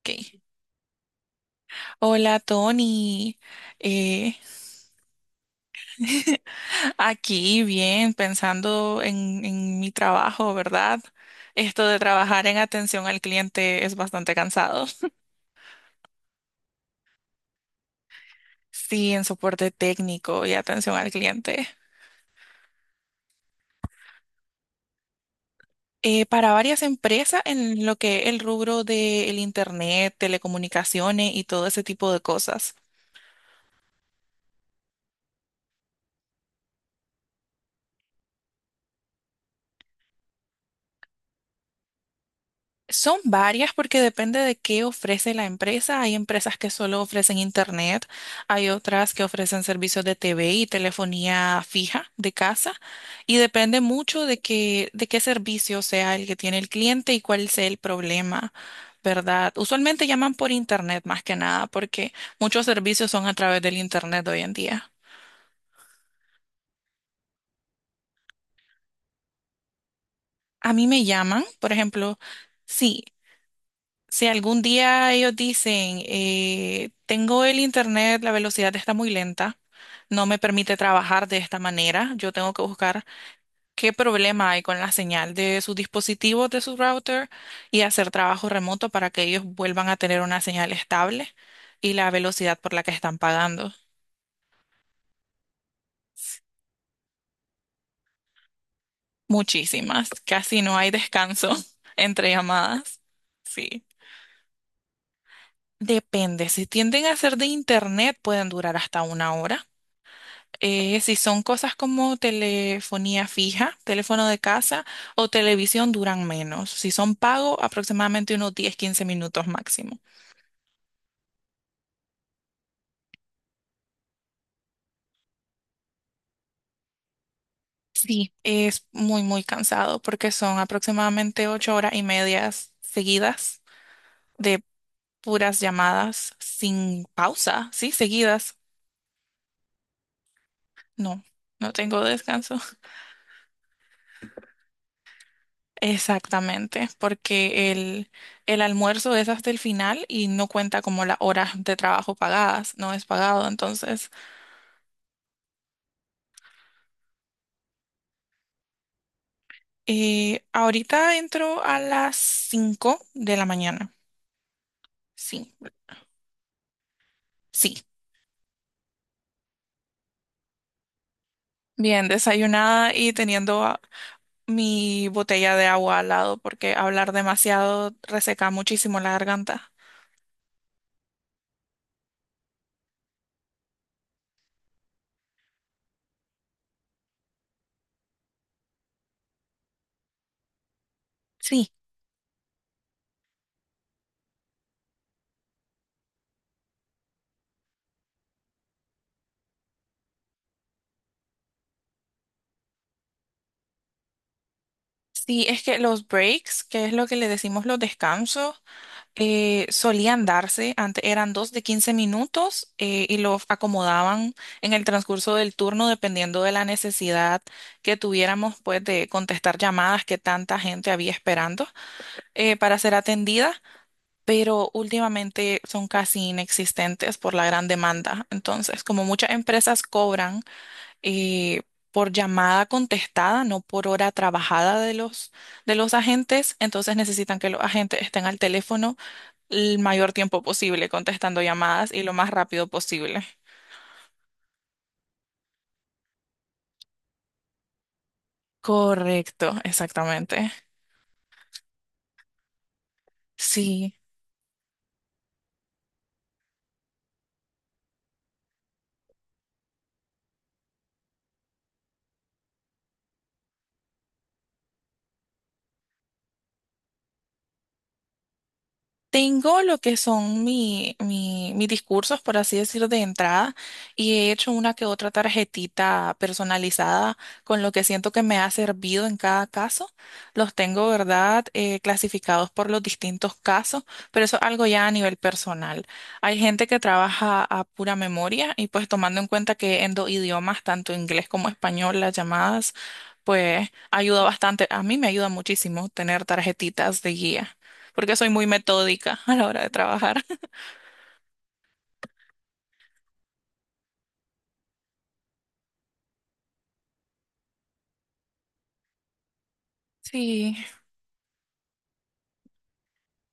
Ok. Hola Tony. Eh, Aquí bien, pensando en mi trabajo, ¿verdad? Esto de trabajar en atención al cliente es bastante cansado. Sí, en soporte técnico y atención al cliente. Para varias empresas en lo que el rubro del Internet, telecomunicaciones y todo ese tipo de cosas. Son varias porque depende de qué ofrece la empresa. Hay empresas que solo ofrecen internet, hay otras que ofrecen servicios de TV y telefonía fija de casa y depende mucho de qué servicio sea el que tiene el cliente y cuál sea el problema, ¿verdad? Usualmente llaman por internet más que nada porque muchos servicios son a través del internet hoy en día. A mí me llaman, por ejemplo, sí. Si algún día ellos dicen, tengo el internet, la velocidad está muy lenta, no me permite trabajar de esta manera, yo tengo que buscar qué problema hay con la señal de sus dispositivos, de su router y hacer trabajo remoto para que ellos vuelvan a tener una señal estable y la velocidad por la que están pagando. Muchísimas, casi no hay descanso entre llamadas. Sí. Depende, si tienden a ser de internet pueden durar hasta una hora. Si son cosas como telefonía fija, teléfono de casa o televisión, duran menos. Si son pago, aproximadamente unos 10, 15 minutos máximo. Sí, es muy, muy cansado porque son aproximadamente 8 horas y medias seguidas de puras llamadas sin pausa, sí, seguidas. No, no tengo descanso. Exactamente, porque el almuerzo es hasta el final y no cuenta como las horas de trabajo pagadas, no es pagado, entonces. Ahorita entro a las 5 de la mañana. Sí, sí. Bien, desayunada y teniendo mi botella de agua al lado porque hablar demasiado reseca muchísimo la garganta. Sí, sí, es que los breaks, que es lo que le decimos los descansos, solían darse, antes eran dos de 15 minutos y los acomodaban en el transcurso del turno dependiendo de la necesidad que tuviéramos pues de contestar llamadas que tanta gente había esperando para ser atendida, pero últimamente son casi inexistentes por la gran demanda. Entonces, como muchas empresas cobran eh, por llamada contestada, no por hora trabajada de los agentes, entonces necesitan que los agentes estén al teléfono el mayor tiempo posible contestando llamadas y lo más rápido posible. Correcto, exactamente. Sí. Tengo lo que son mis discursos, por así decir, de entrada, y he hecho una que otra tarjetita personalizada con lo que siento que me ha servido en cada caso. Los tengo, ¿verdad?, clasificados por los distintos casos, pero eso es algo ya a nivel personal. Hay gente que trabaja a pura memoria y pues tomando en cuenta que en dos idiomas, tanto inglés como español, las llamadas, pues ayuda bastante. A mí me ayuda muchísimo tener tarjetitas de guía porque soy muy metódica a la hora de trabajar. Sí,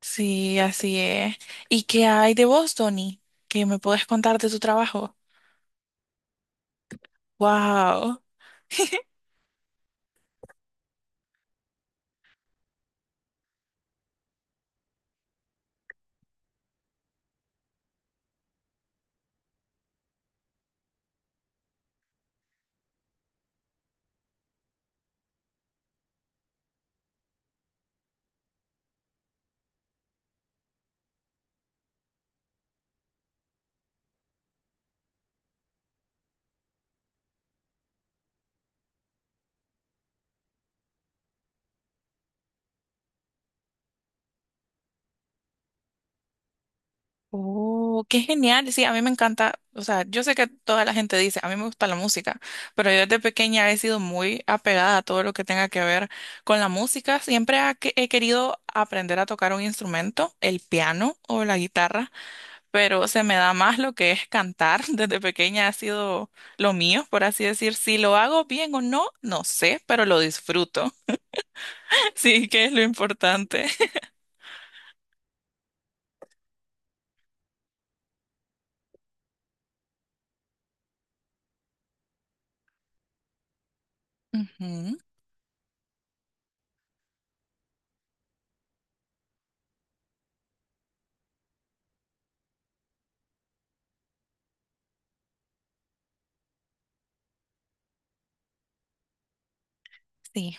sí, así es. ¿Y qué hay de vos, Tony? ¿Qué me puedes contar de tu trabajo? Wow. Oh, qué genial. Sí, a mí me encanta. O sea, yo sé que toda la gente dice, a mí me gusta la música, pero yo desde pequeña he sido muy apegada a todo lo que tenga que ver con la música. Siempre he querido aprender a tocar un instrumento, el piano o la guitarra. Pero se me da más lo que es cantar. Desde pequeña ha sido lo mío, por así decir. Si lo hago bien o no, no sé, pero lo disfruto. Sí, que es lo importante. Ujú, sí.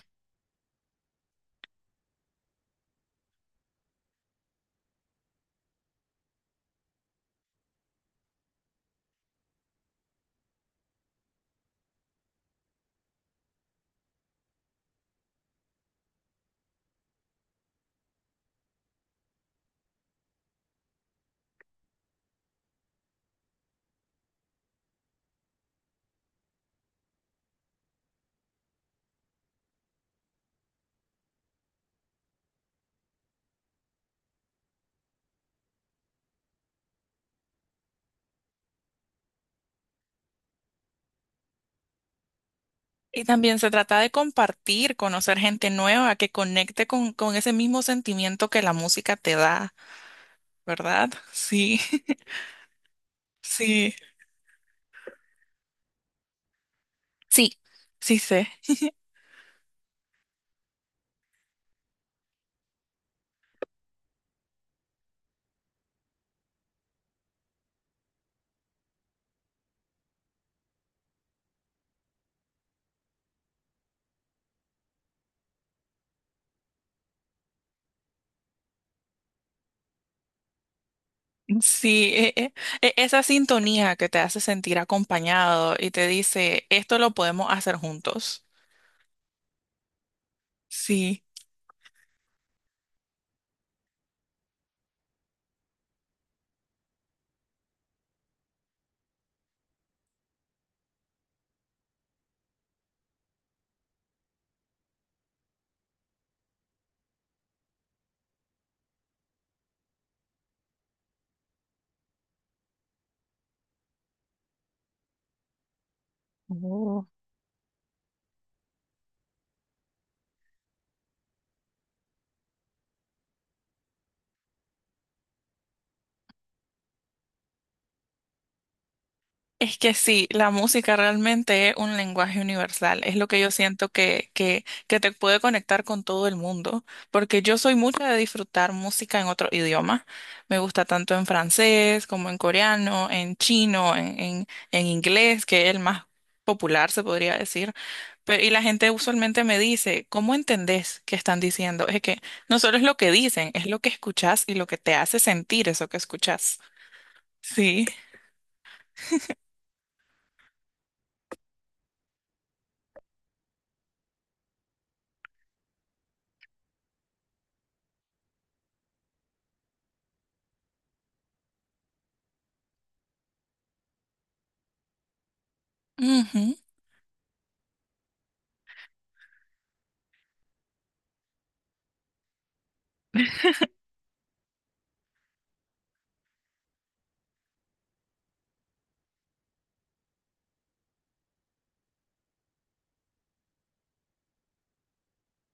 Y también se trata de compartir, conocer gente nueva que conecte con ese mismo sentimiento que la música te da, ¿verdad? Sí, sí, sí, sí sé. Sí, esa sintonía que te hace sentir acompañado y te dice, esto lo podemos hacer juntos. Sí. Oh. Es que sí, la música realmente es un lenguaje universal, es lo que yo siento que te puede conectar con todo el mundo, porque yo soy mucho de disfrutar música en otro idioma, me gusta tanto en francés como en coreano, en chino, en inglés, que es el más popular, se podría decir, pero y la gente usualmente me dice, ¿cómo entendés qué están diciendo? Es que no solo es lo que dicen, es lo que escuchás y lo que te hace sentir eso que escuchás. Sí.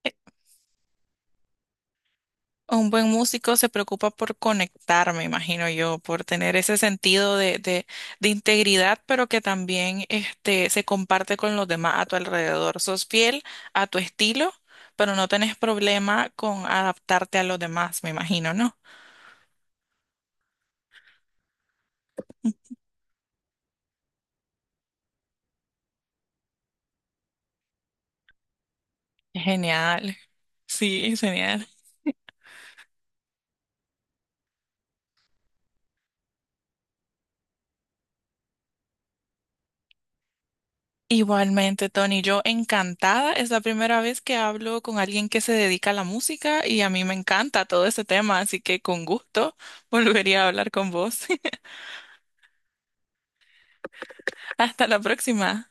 Eh, Un buen músico se preocupa por conectar, me imagino yo, por tener ese sentido de integridad, pero que también este, se comparte con los demás a tu alrededor. Sos fiel a tu estilo, pero no tenés problema con adaptarte a los demás, me imagino, ¿no? Genial, sí, genial. Igualmente, Tony, yo encantada. Es la primera vez que hablo con alguien que se dedica a la música y a mí me encanta todo este tema, así que con gusto volvería a hablar con vos. Hasta la próxima.